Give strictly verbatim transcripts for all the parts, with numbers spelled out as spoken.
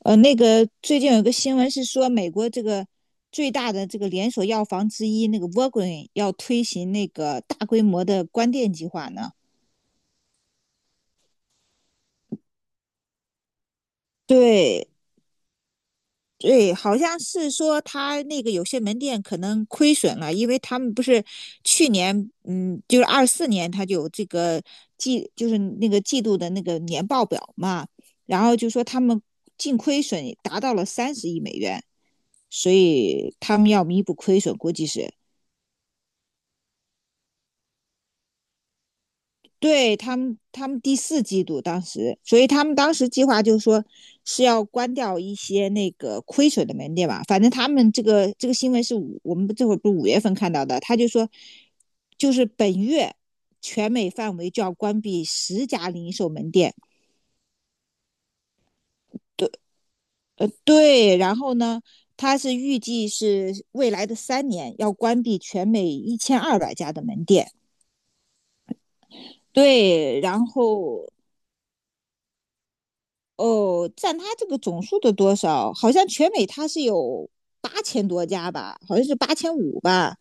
呃，那个最近有个新闻是说，美国这个最大的这个连锁药房之一那个沃 a g 要推行那个大规模的关店计划呢。对对，好像是说他那个有些门店可能亏损了，因为他们不是去年，嗯，就是二四年他就有这个季，就是那个季度的那个年报表嘛，然后就说他们净亏损达到了三十亿美元，所以他们要弥补亏损，估计是。对他们，他们第四季度当时，所以他们当时计划就是说是要关掉一些那个亏损的门店吧。反正他们这个这个新闻是五，我们这会儿不是五月份看到的，他就说就是本月全美范围就要关闭十家零售门店。对，然后呢，他是预计是未来的三年要关闭全美一千二百家的门店。对，然后哦，占它这个总数的多少？好像全美它是有八千多家吧，好像是八千五吧。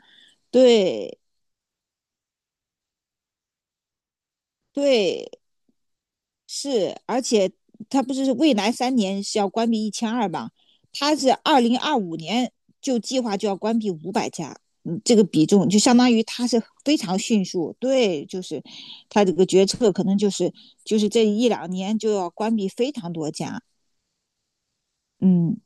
对对，是，而且它不是未来三年是要关闭一千二嘛？它是二零二五年就计划就要关闭五百家，嗯，这个比重就相当于它是非常迅速。对，就是它这个决策可能就是就是这一两年就要关闭非常多家。嗯，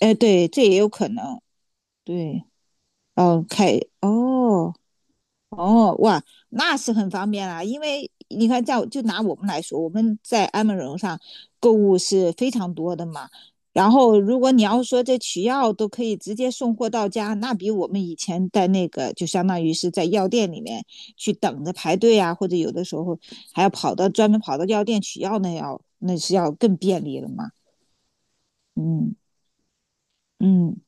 哎，对，这也有可能。对。OK，哦，开哦哦哇，那是很方便啦。因为你看在，就拿我们来说，我们在安 m a 上购物是非常多的嘛。然后，如果你要说这取药都可以直接送货到家，那比我们以前在那个就相当于是在药店里面去等着排队啊，或者有的时候还要跑到专门跑到药店取药，那要那是要更便利了嘛。嗯嗯，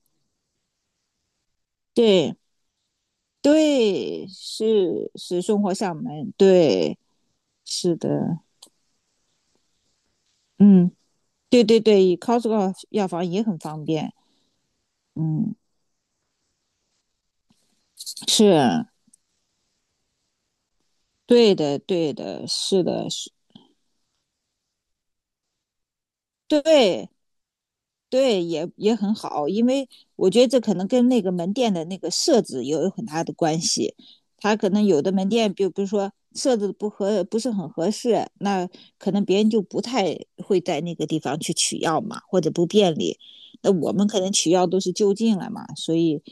对对，是是送货上门，对。是的，嗯，对对对，Costco 药房也很方便，嗯，是对的，对的，是的，是，对对，也也很好，因为我觉得这可能跟那个门店的那个设置也有很大的关系，他可能有的门店，比如比如说设置不合，不是很合适，那可能别人就不太会在那个地方去取药嘛，或者不便利，那我们可能取药都是就近了嘛，所以。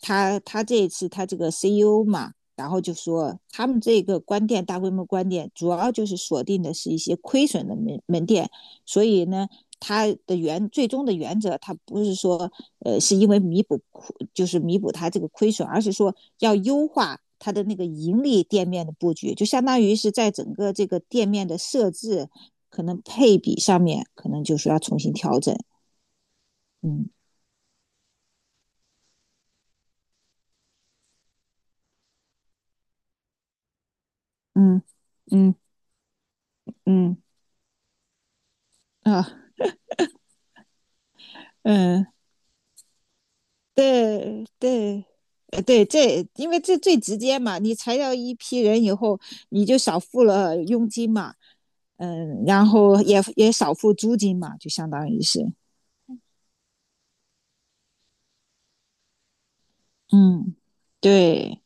他他这一次他这个 C E O 嘛，然后就说他们这个关店大规模关店，主要就是锁定的是一些亏损的门门店，所以呢，他的原最终的原则，他不是说呃是因为弥补就是弥补他这个亏损，而是说要优化它的那个盈利店面的布局，就相当于是在整个这个店面的设置可能配比上面，可能就是要重新调整。嗯嗯嗯嗯啊嗯。对对，呃，对，这因为这最直接嘛，你裁掉一批人以后，你就少付了佣金嘛，嗯，然后也也少付租金嘛，就相当于是，嗯，对。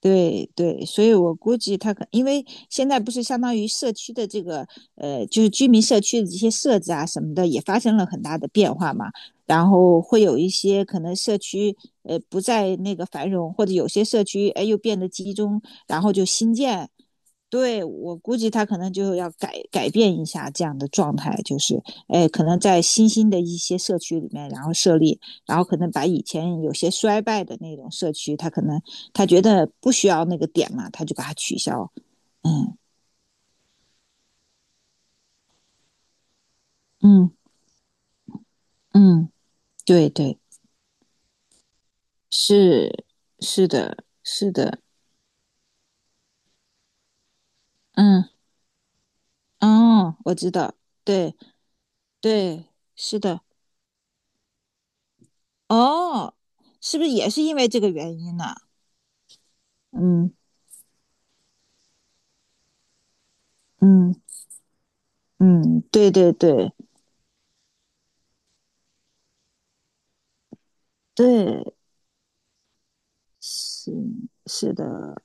对对，所以我估计他可，因为现在不是相当于社区的这个呃，就是居民社区的这些设置啊什么的也发生了很大的变化嘛，然后会有一些可能社区呃不再那个繁荣，或者有些社区哎又变得集中，然后就新建，对我估计他可能就要改改变一下这样的状态，就是哎，可能在新兴的一些社区里面，然后设立，然后可能把以前有些衰败的那种社区，他可能他觉得不需要那个点嘛，他就把它取消。嗯嗯嗯，对对，是是的，是的，嗯哦，我知道，对对，是的，哦，是不是也是因为这个原因呢？嗯嗯嗯，对对对。对，是是的，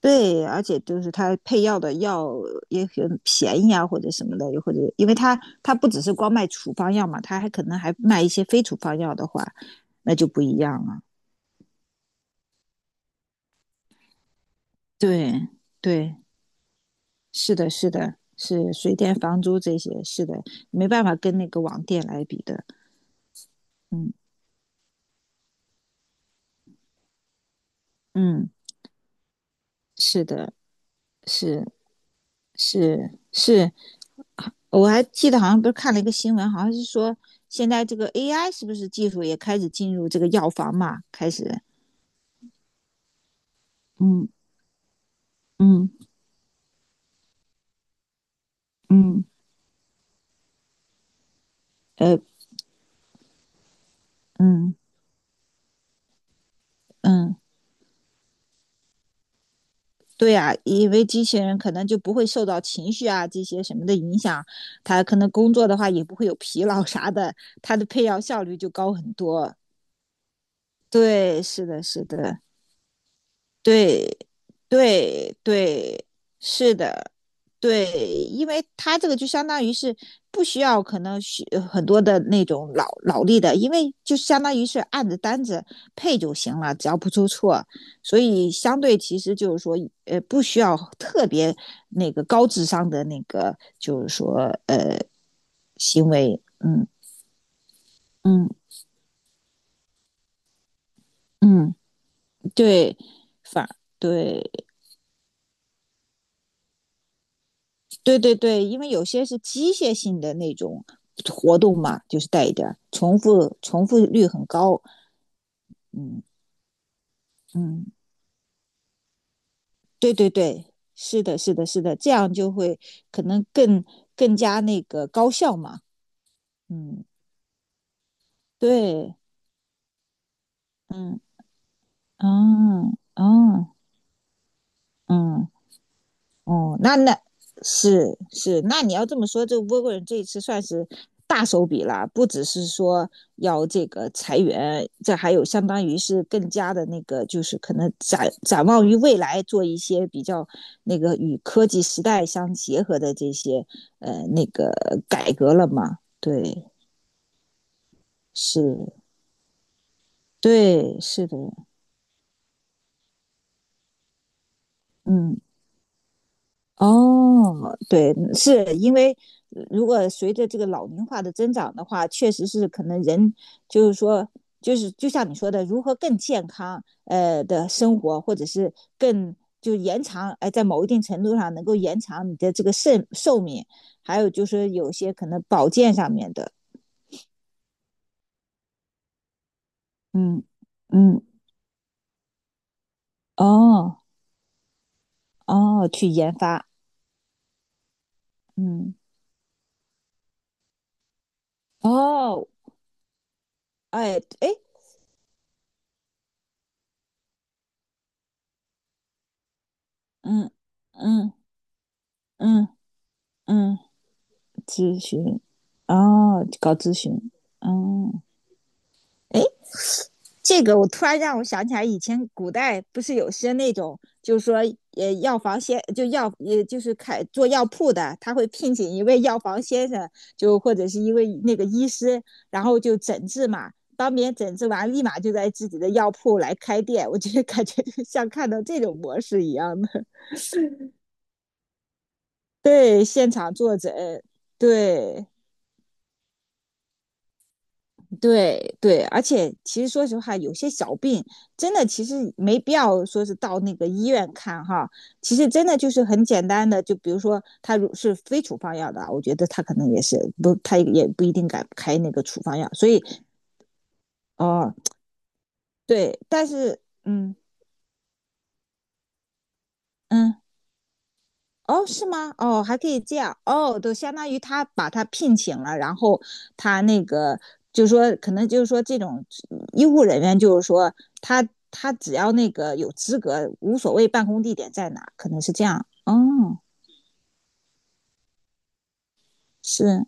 对，而且就是它配药的药也很便宜啊，或者什么的，又或者因为它它不只是光卖处方药嘛，它还可能还卖一些非处方药的话，那就不一样了。对对，是的，是的，是水电房租这些，是的，没办法跟那个网店来比的。嗯嗯，是的，是是是是，我还记得好像不是看了一个新闻，好像是说现在这个 A I 是不是技术也开始进入这个药房嘛？开始，嗯嗯嗯，呃嗯嗯，对呀，因为机器人可能就不会受到情绪啊这些什么的影响，它可能工作的话也不会有疲劳啥的，它的配药效率就高很多。对，是的，是的，对对对，是的，对，因为他这个就相当于是不需要可能需呃很多的那种脑脑力的，因为就相当于是按着单子配就行了，只要不出错，所以相对其实就是说呃不需要特别那个高智商的那个就是说呃行为，嗯嗯嗯，对，反对。对对对，因为有些是机械性的那种活动嘛，就是带一点儿重复，重复率很高。嗯嗯，对对对，是的，是的，是的，这样就会可能更更加那个高效嘛。嗯，对，嗯，嗯嗯嗯。哦，那那是是，那你要这么说，这个波国人这一次算是大手笔了，不只是说要这个裁员，这还有相当于是更加的那个，就是可能展展望于未来，做一些比较那个与科技时代相结合的这些呃那个改革了嘛？对，是，对，是的，嗯。哦，对，是因为如果随着这个老龄化的增长的话，确实是可能人就是说，就是就像你说的，如何更健康呃的生活，或者是更就延长，哎、在某一定程度上能够延长你的这个寿寿命，还有就是有些可能保健上面的，嗯嗯，哦哦，去研发，嗯哦，哎哎，嗯嗯嗯嗯。嗯咨询，哦，搞咨询，哦，哎，这个我突然让我想起来，以前古代不是有些那种，就是说，呃，药房先就药，也就是开做药铺的，他会聘请一位药房先生，就或者是一位那个医师，然后就诊治嘛，当别人诊治完，立马就在自己的药铺来开店。我觉得感觉 像看到这种模式一样的，对，现场坐诊，对，对对，而且其实说实话，有些小病真的其实没必要说是到那个医院看哈，其实真的就是很简单的，就比如说他如是非处方药的，我觉得他可能也是不，他也不一定敢开那个处方药，所以哦，对，但是嗯嗯。哦，是吗？哦，还可以这样哦，都相当于他把他聘请了，然后他那个就是说，可能就是说这种医护人员，就是说他他只要那个有资格，无所谓办公地点在哪，可能是这样。哦，是，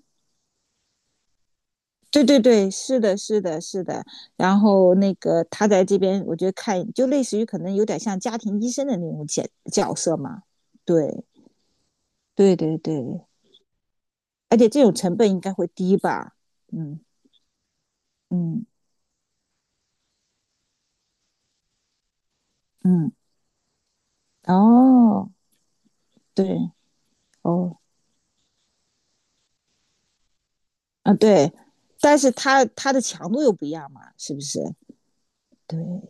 对对对，是的，是的，是的。然后那个他在这边，我觉得看就类似于可能有点像家庭医生的那种角角色嘛。对对对对，而且这种成本应该会低吧？嗯嗯。嗯，哦，对，哦，啊，对，但是它它的强度又不一样嘛，是不是？对，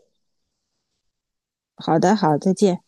好的，好，再见。